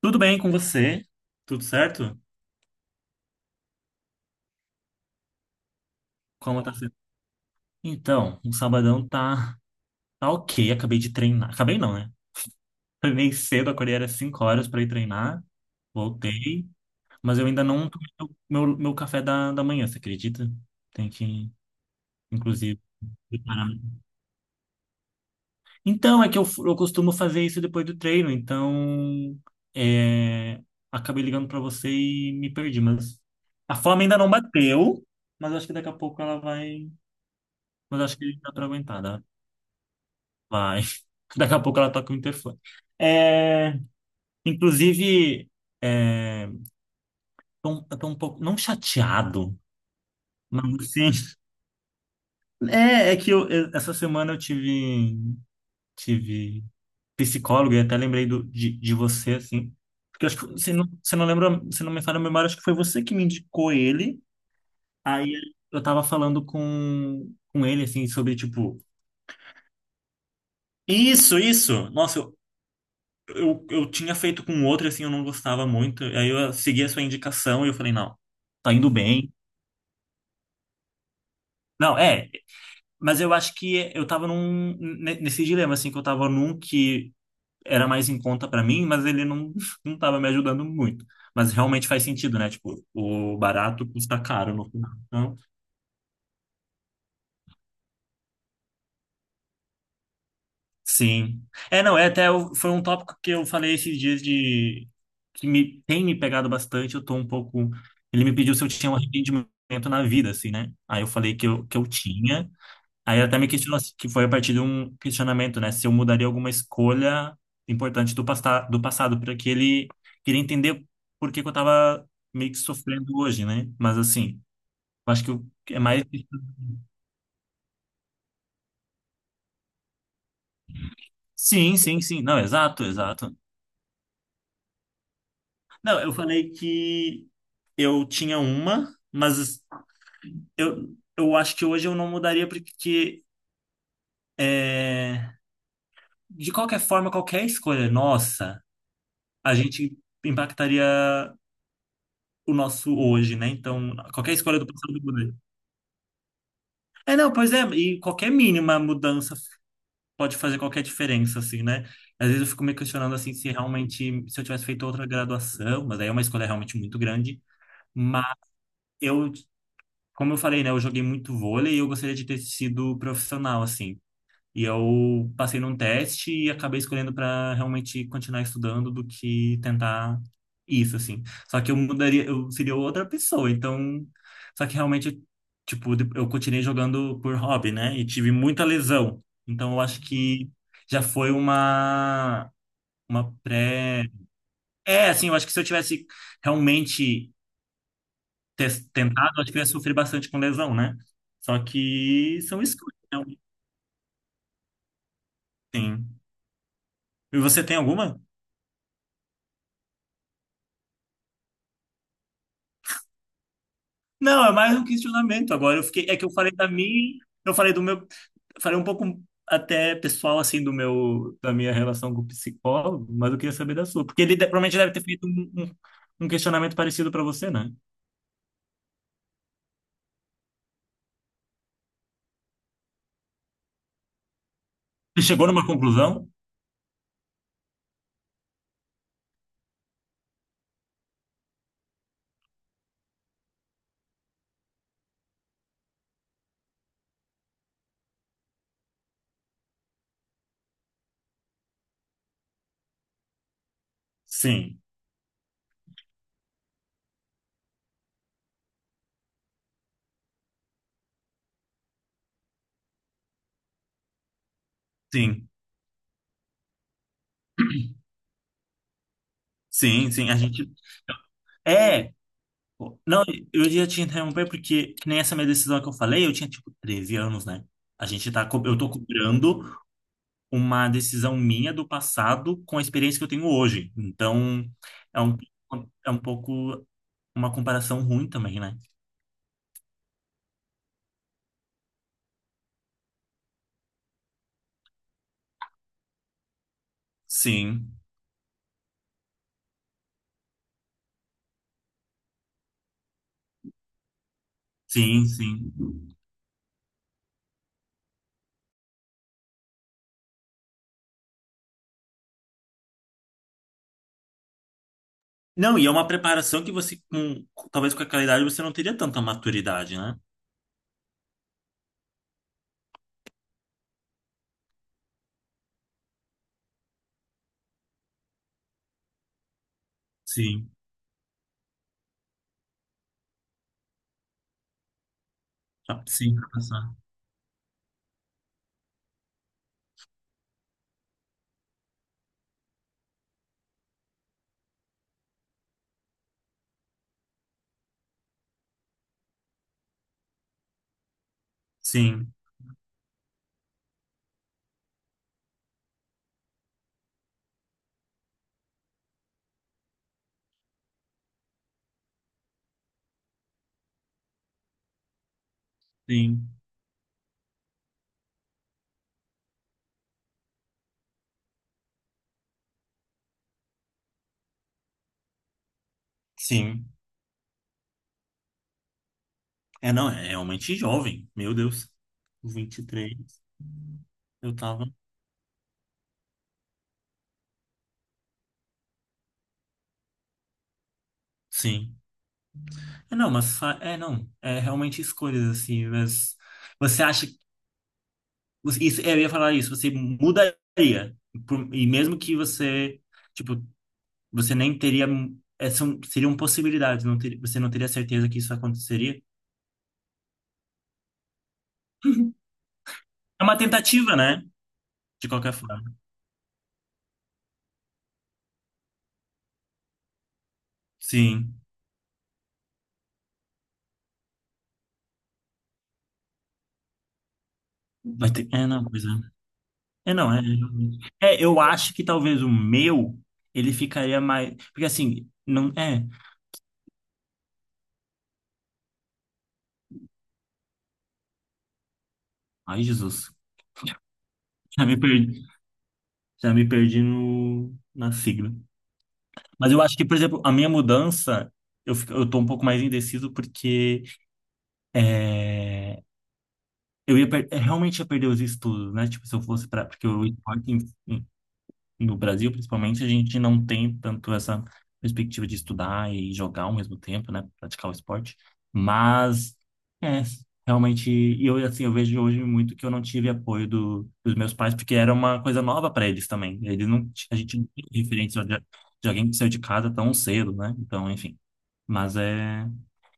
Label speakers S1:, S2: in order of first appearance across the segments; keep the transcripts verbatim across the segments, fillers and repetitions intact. S1: Tudo bem com você? Tudo certo? Como tá sendo? Então, o sabadão tá, tá ok. Acabei de treinar. Acabei não, né? Foi meio cedo, acordei era cinco horas pra ir treinar. Voltei, mas eu ainda não tomei o meu, meu café da, da manhã, você acredita? Tem que, inclusive, preparar. Então, é que eu, f- eu costumo fazer isso depois do treino, então é, acabei ligando pra você e me perdi, mas a fome ainda não bateu, mas acho que daqui a pouco ela vai. Mas acho que dá pra aguentar, dá. Vai. Daqui a pouco ela toca o interfone. É, inclusive, é, tô, um, Eu tô um pouco, não chateado, mas assim, é, é que eu, eu- essa semana eu tive, tive psicólogo e até lembrei do, de, de você, assim, porque eu acho que você não, você não lembra, você não me fala a memória, acho que foi você que me indicou ele, aí eu tava falando com, com ele, assim, sobre, tipo, isso, isso, nossa, eu, eu tinha feito com outro, assim, eu não gostava muito. Aí eu segui a sua indicação e eu falei, não, tá indo bem. Não, é, mas eu acho que eu tava num, ne- nesse dilema, assim, que eu tava num que era mais em conta pra mim, mas ele não, não tava me ajudando muito. Mas realmente faz sentido, né? Tipo, o barato custa caro no final. Então, sim. É, não, é até o- foi um tópico que eu falei esses dias de que me tem me pegado bastante, eu tô um pouco ele me pediu se eu tinha um arrependimento na vida assim, né? Aí eu falei que eu, que eu tinha. Aí ele até me questionou assim, que foi a partir de um questionamento, né, se eu mudaria alguma escolha importante do pasta, do passado, porque ele queria entender por que que eu tava meio que sofrendo hoje, né? Mas assim, eu acho que o- é mais. Sim, sim, sim. Não, exato, exato. Não, eu falei que eu tinha uma, mas eu, eu acho que hoje eu não mudaria porque, é, de qualquer forma, qualquer escolha nossa, a gente impactaria o nosso hoje, né? Então, qualquer escolha do passado mudaria. É, não, pois é, e qualquer mínima mudança pode fazer qualquer diferença, assim, né? Às vezes eu fico me questionando, assim, se realmente, se eu tivesse feito outra graduação, mas aí é uma escolha realmente muito grande, mas eu como eu falei, né, eu joguei muito vôlei e eu gostaria de ter sido profissional, assim. E eu passei num teste e acabei escolhendo para realmente continuar estudando do que tentar isso, assim. Só que eu mudaria, eu seria outra pessoa, então. Só que realmente, tipo, de- eu continuei jogando por hobby, né? E tive muita lesão. Então eu acho que já foi uma. Uma pré. É, assim, eu acho que se eu tivesse realmente ter tentado, acho que eu ia sofrer bastante com lesão, né? Só que são escolhas, então, sim. E você tem alguma? Não, é mais um questionamento. Agora eu fiquei, é que eu falei da minha, eu falei do meu, falei um pouco até pessoal assim do meu, da minha relação com o psicólogo, mas eu queria saber da sua, porque ele de- provavelmente deve ter feito um, um um questionamento parecido para você, né? Você chegou numa conclusão? Sim, sim, sim, sim. A gente é. Não, eu ia te interromper porque, que nem essa minha decisão que eu falei, eu tinha tipo treze anos, né? A gente tá, co- eu tô cobrando uma decisão minha do passado com a experiência que eu tenho hoje. Então, é um, é um pouco uma comparação ruim também, né? Sim, sim, sim. Não, e é uma preparação que você, com, talvez com aquela idade, você não teria tanta maturidade, né? Sim, tá- sim, pra passar. Sim, sim, sim. É, não, é realmente jovem. Meu Deus. vinte e três, eu tava. Sim. É, não, mas fa- é, não. É realmente escolhas, assim. Mas você acha. Você- Isso, eu ia falar isso. Você mudaria. Por- e mesmo que você. Tipo, você nem teria. É, são, seriam possibilidades. Não ter, você não teria certeza que isso aconteceria. É uma tentativa, né? De qualquer forma. Sim. Vai ter. É, não, pois é. É, não, é, é, eu acho que talvez o meu, ele ficaria mais, porque assim, não, é, ai Jesus, já me perdi, já me perdi no, na sigla. Mas eu acho que, por exemplo, a minha mudança, eu, fico- eu tô um pouco mais indeciso porque é, eu ia per- eu realmente ia perder os estudos, né? Tipo, se eu fosse para, porque eu no Brasil, principalmente, a gente não tem tanto essa perspectiva de estudar e jogar ao mesmo tempo, né? Praticar o esporte. Mas, é, realmente, e eu, assim, eu vejo hoje muito que eu não tive apoio do, dos meus pais, porque era uma coisa nova para eles também. Eles não, ti- a gente não tinha referência de, de alguém que saiu de casa tão cedo, né? Então, enfim. Mas é.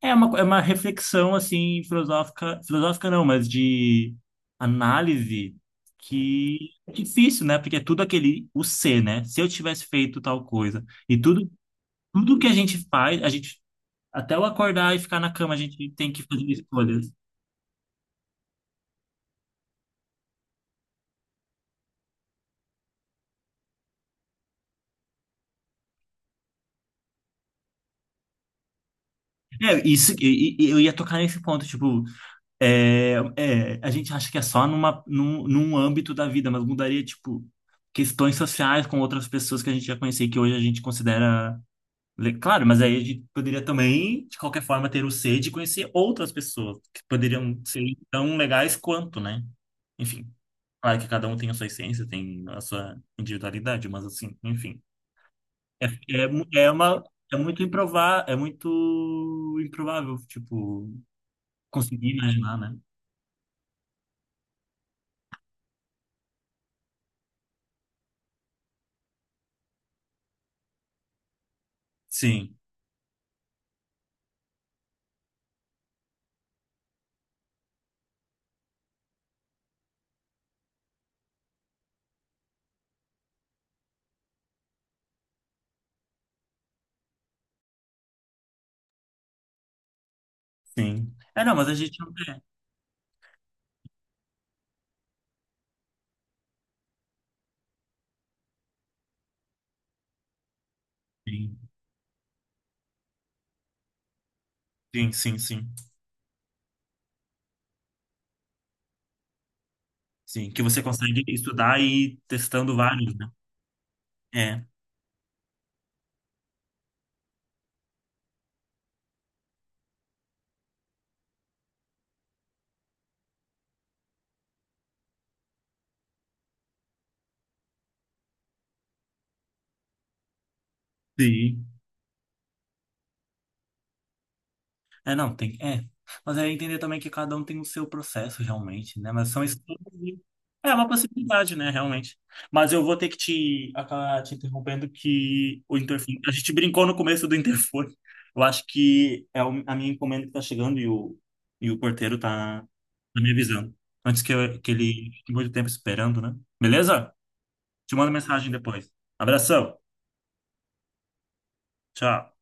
S1: É uma, é uma reflexão, assim, filosófica, filosófica não, mas de análise que é difícil, né? Porque é tudo aquele, o ser, né? Se eu tivesse feito tal coisa. E tudo, tudo que a gente faz, a gente, até eu acordar e ficar na cama, a gente tem que fazer escolhas. É, isso, e- e- eu ia tocar nesse ponto, tipo, é, é, a gente acha que é só numa, num, num âmbito da vida, mas mudaria, tipo, questões sociais com outras pessoas que a gente já conhecia, e que hoje a gente considera. Le- Claro, mas aí a gente poderia também, de qualquer forma, ter o C de conhecer outras pessoas que poderiam ser tão legais quanto, né? Enfim, claro que cada um tem a sua essência, tem a sua individualidade, mas assim, enfim. É, mu- é uma, é muito improvável, é muito improvável, tipo, conseguir imaginar, né? Sim, sim. É, não, mas a gente não quer. Sim, sim, sim, sim. Sim, que você consegue estudar e ir testando vários, né? É. Sim. É, não, tem. É. Mas é entender também que cada um tem o seu processo, realmente, né? Mas são escolhas. E- É uma possibilidade, né, realmente. Mas eu vou ter que te acabar te interrompendo que o interfone. A gente brincou no começo do interfone. Eu acho que é o- a minha encomenda que tá chegando e o, e o porteiro tá, tá me avisando. Antes que, eu- que ele fique muito tempo esperando, né? Beleza? Te mando mensagem depois. Abração. Tchau.